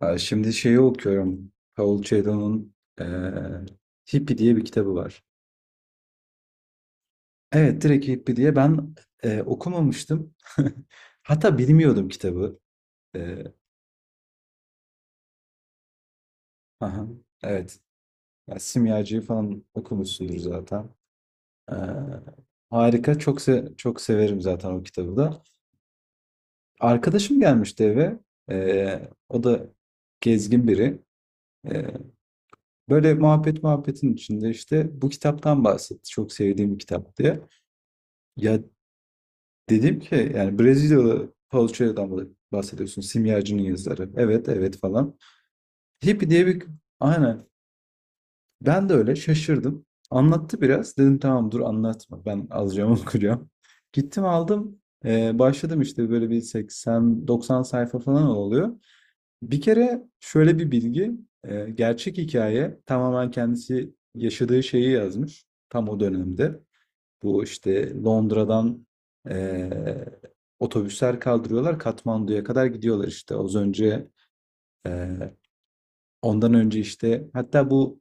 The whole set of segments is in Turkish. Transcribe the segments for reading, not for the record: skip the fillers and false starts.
Aa, şimdi şeyi okuyorum. Paul Coelho'nun eee Hippie diye bir kitabı var. Evet, direkt Hippie diye ben okumamıştım. Hatta bilmiyordum kitabı. Eee, aha, evet. Ya, Simyacı'yı falan okumuşsundur zaten. Eee, Harika. Çok severim zaten o kitabı da. Arkadaşım gelmişti eve. O da gezgin biri. Eee, Böyle muhabbet muhabbetin içinde işte bu kitaptan bahsetti. Çok sevdiğim bir kitap diye. Ya, dedim ki yani Brezilyalı Paulo Coelho'dan bahsediyorsun. Simyacı'nın yazarı. Evet, evet falan. Hippie diye bir... Aynen. Ben de öyle şaşırdım. Anlattı biraz. Dedim tamam, dur anlatma. Ben alacağım okuyacağım. Gittim aldım. Başladım, işte böyle bir 80-90 sayfa falan oluyor. Bir kere şöyle bir bilgi. Gerçek hikaye, tamamen kendisi yaşadığı şeyi yazmış. Tam o dönemde. Bu işte Londra'dan eee, otobüsler kaldırıyorlar. Katmandu'ya kadar gidiyorlar işte. Az önce eee, ondan önce işte, hatta bu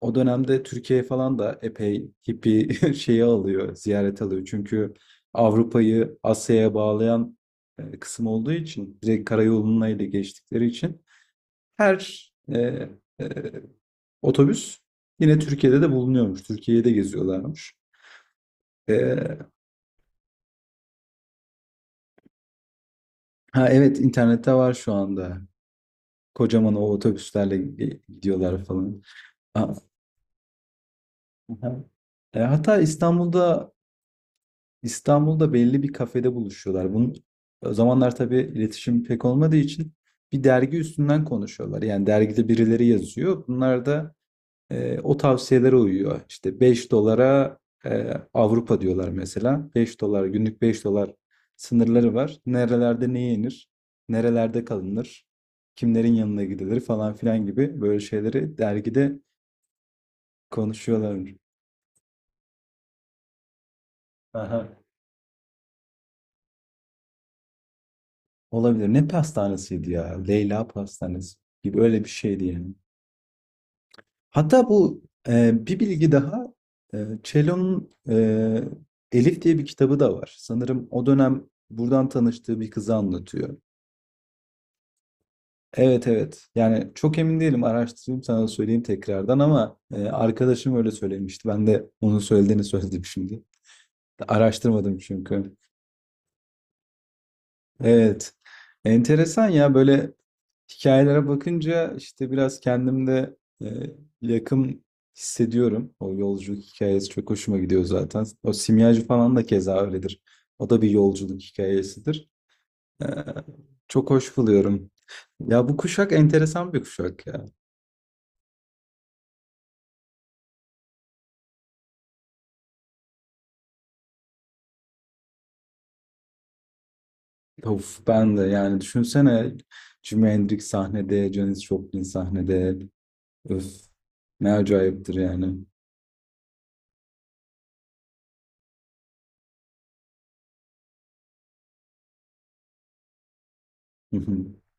o dönemde Türkiye falan da epey hippie şeyi alıyor, ziyaret alıyor. Çünkü Avrupa'yı Asya'ya bağlayan kısım olduğu için, direkt karayoluna ile geçtikleri için her e, otobüs yine Türkiye'de de bulunuyormuş. Türkiye'de geziyorlarmış. E, ha, evet, internette var şu anda. Kocaman o otobüslerle gidiyorlar falan. Aa, aha. Hatta İstanbul'da belli bir kafede buluşuyorlar. Bunun, o zamanlar tabii iletişim pek olmadığı için, bir dergi üstünden konuşuyorlar. Yani dergide birileri yazıyor. Bunlar da o tavsiyelere uyuyor. İşte 5 dolara Avrupa diyorlar mesela. 5 dolar, günlük 5 dolar sınırları var. Nerelerde ne yenir, nerelerde kalınır, kimlerin yanına gidilir falan filan gibi, böyle şeyleri dergide konuşuyorlar. Aha. Olabilir. Ne pastanesiydi ya? Leyla pastanesi gibi öyle bir şeydi yani. Hatta bu bir bilgi daha, Cello'nun Elif diye bir kitabı da var. Sanırım o dönem buradan tanıştığı bir kızı anlatıyor. Evet, evet. Yani çok emin değilim, araştırayım sana söyleyeyim tekrardan, ama arkadaşım öyle söylemişti. Ben de onun söylediğini söyledim şimdi. Araştırmadım çünkü. Evet. Enteresan ya, böyle hikayelere bakınca işte biraz kendimde yakın hissediyorum. O yolculuk hikayesi çok hoşuma gidiyor zaten. O simyacı falan da keza öyledir. O da bir yolculuk hikayesidir. E, Çok hoş buluyorum. Ya bu kuşak enteresan bir kuşak ya. Of, ben de yani düşünsene, Jimi Hendrix sahnede, Janis Joplin sahnede. Öf, ne acayiptir yani.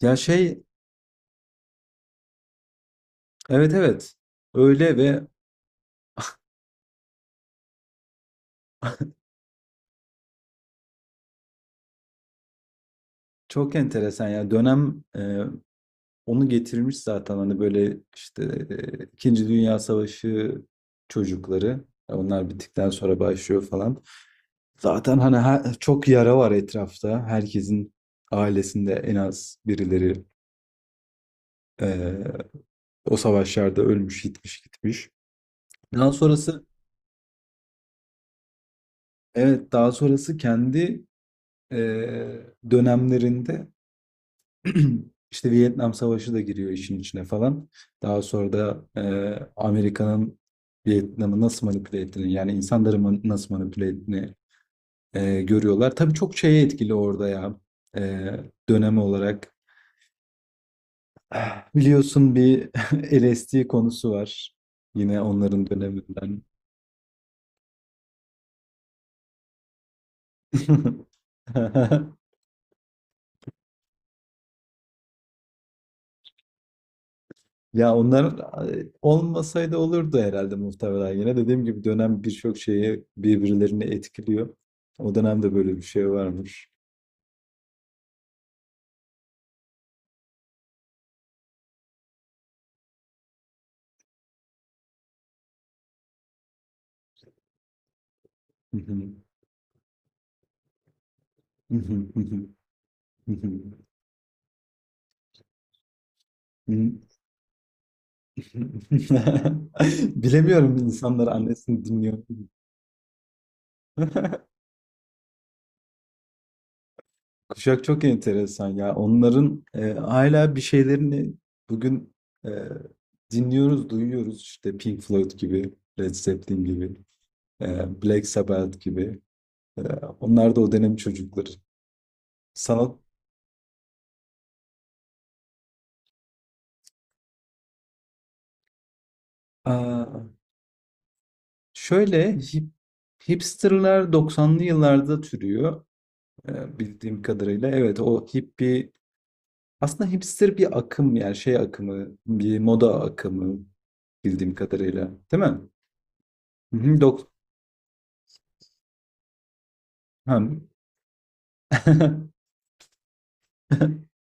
Ya, şey, evet, evet. Öyle. Ve çok enteresan ya dönem, onu getirmiş zaten, hani böyle işte İkinci Dünya Savaşı çocukları, onlar bittikten sonra başlıyor falan. Zaten hani çok yara var etrafta. Herkesin ailesinde en az birileri e, o savaşlarda ölmüş, gitmiş, gitmiş. Daha sonrası, evet, daha sonrası kendi e, dönemlerinde İşte Vietnam Savaşı da giriyor işin içine falan. Daha sonra da Amerika'nın Vietnam'ı nasıl manipüle ettiğini, yani insanları nasıl manipüle ettiğini görüyorlar. Tabii çok şeye etkili orada ya, e, dönem olarak. Ah, biliyorsun bir LSD konusu var. Yine onların döneminden. Ya onlar olmasaydı olurdu herhalde muhtemelen. Yine dediğim gibi dönem, birçok şeyi birbirlerini etkiliyor. O dönemde böyle bir şey varmış. Hı hı. Hı hı, hı hı, hı hı. Hı. Bilemiyorum, insanlar annesini dinliyor mu? Kuşak çok enteresan ya. Onların hala bir şeylerini bugün e, dinliyoruz, duyuyoruz. İşte Pink Floyd gibi, Led Zeppelin gibi, Black Sabbath gibi. Ee, Onlar da o dönem çocukları. Sanat Aa, Şöyle hipsterlar doksanlı yıllarda türüyor, bildiğim kadarıyla. Evet, o hippie aslında hipster bir akım, yani şey akımı, bir moda akımı bildiğim kadarıyla. Değil mi? Hı hı, hem.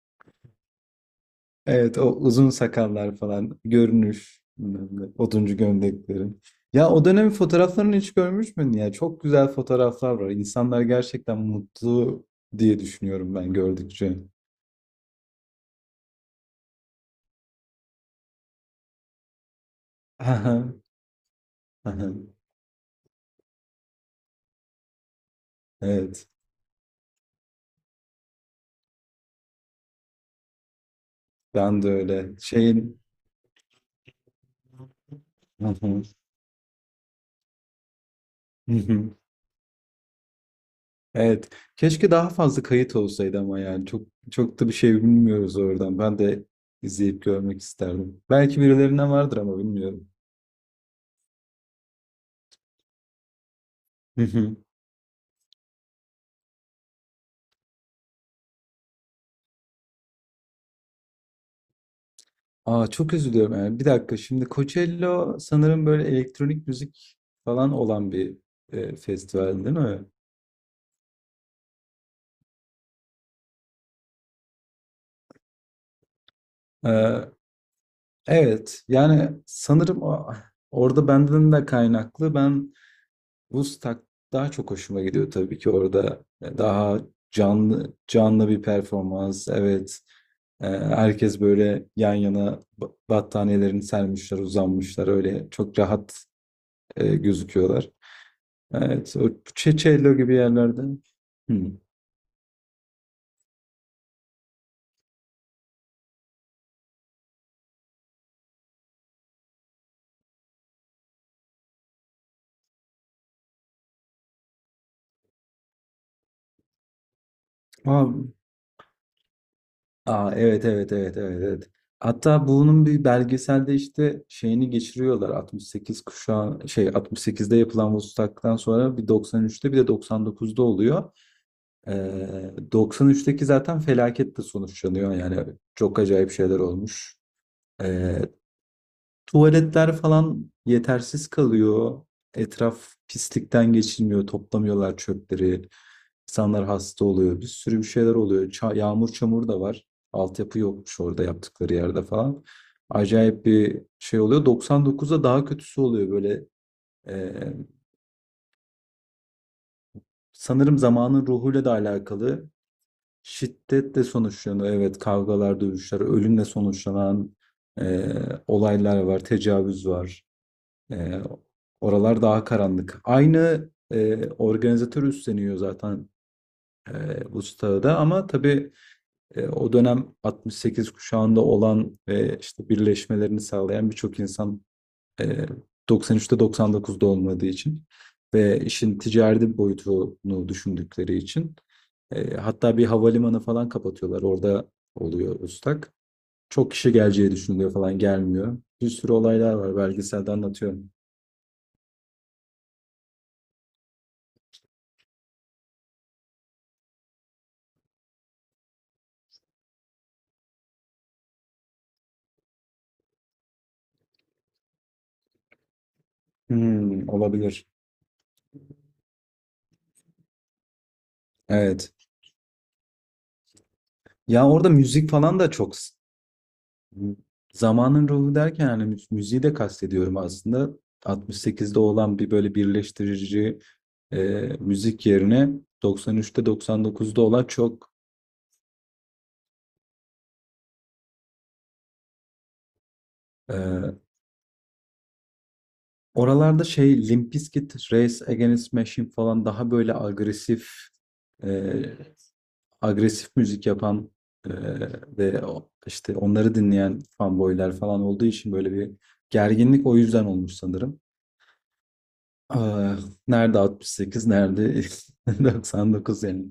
Evet, o uzun sakallar falan, görünüş bilmem ne, oduncu gömlekleri. Ya o dönemin fotoğraflarını hiç görmüş müydün ya? Çok güzel fotoğraflar var. İnsanlar gerçekten mutlu diye düşünüyorum ben gördükçe. Aha, aha. Evet, ben de öyle. Hı hı, hı hı. Evet. Keşke daha fazla kayıt olsaydı ama yani çok çok da bir şey bilmiyoruz oradan. Ben de izleyip görmek isterdim. Belki birilerine vardır ama bilmiyorum. Çok üzülüyorum yani. Bir dakika, şimdi Coachella sanırım böyle elektronik müzik falan olan bir festival değil mi? Ee, evet, yani sanırım orada benden de kaynaklı, ben Woodstock daha çok hoşuma gidiyor. Tabii ki orada daha canlı canlı bir performans, evet. Herkes böyle yan yana battaniyelerini sermişler, uzanmışlar, öyle çok rahat gözüküyorlar. Evet, o Çeçelo gibi yerlerde. Hmm. Aa, aa, evet, evet, evet, evet, evet. Hatta bunun bir belgeselde işte şeyini geçiriyorlar. 68 kuşağı, şey 68'de yapılan Vostok'tan sonra bir 93'te bir de 99'da oluyor. 93'teki zaten felaketle sonuçlanıyor. Yani çok acayip şeyler olmuş. Ee, Tuvaletler falan yetersiz kalıyor. Etraf pislikten geçilmiyor. Toplamıyorlar çöpleri. İnsanlar hasta oluyor. Bir sürü bir şeyler oluyor. Yağmur çamur da var. Altyapı yokmuş orada yaptıkları yerde falan. Acayip bir şey oluyor. 99'da daha kötüsü oluyor böyle. Ee, Sanırım zamanın ruhuyla da alakalı. Şiddetle sonuçlanıyor. Evet, kavgalar, dövüşler, ölümle sonuçlanan ee, olaylar var. Tecavüz var. Ee, Oralar daha karanlık. Aynı organizatör üstleniyor zaten bu stadı da, ama tabii o dönem 68 kuşağında olan ve işte birleşmelerini sağlayan birçok insan e, 93'te 99'da olmadığı için, ve işin ticari boyutunu düşündükleri için, hatta bir havalimanı falan kapatıyorlar. Orada oluyor ıslak. Çok kişi geleceği düşünülüyor falan, gelmiyor. Bir sürü olaylar var. Belgeselde anlatıyorum. Hımm, olabilir. Evet. Ya, orada müzik falan da çok zamanın ruhu derken, hani, müziği de kastediyorum aslında. 68'de olan bir, böyle, birleştirici, müzik yerine 93'te 99'da olan çok, eee, oralarda şey, Limp Bizkit, Rage Against the Machine falan, daha, böyle, agresif, e, agresif müzik yapan, e, ve işte onları dinleyen fanboylar falan olduğu için böyle bir gerginlik o yüzden olmuş sanırım. Ah, nerede 68, nerede 99 yani.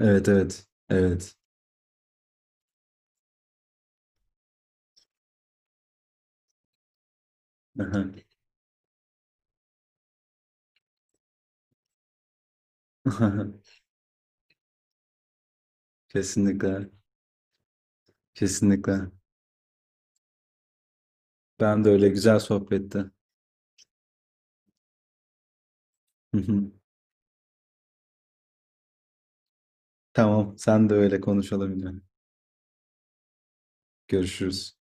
Evet, evet, evet. Aha. Kesinlikle, kesinlikle. Ben de öyle, güzel sohbetti. Tamam, sen de öyle konuşalım yine. Görüşürüz.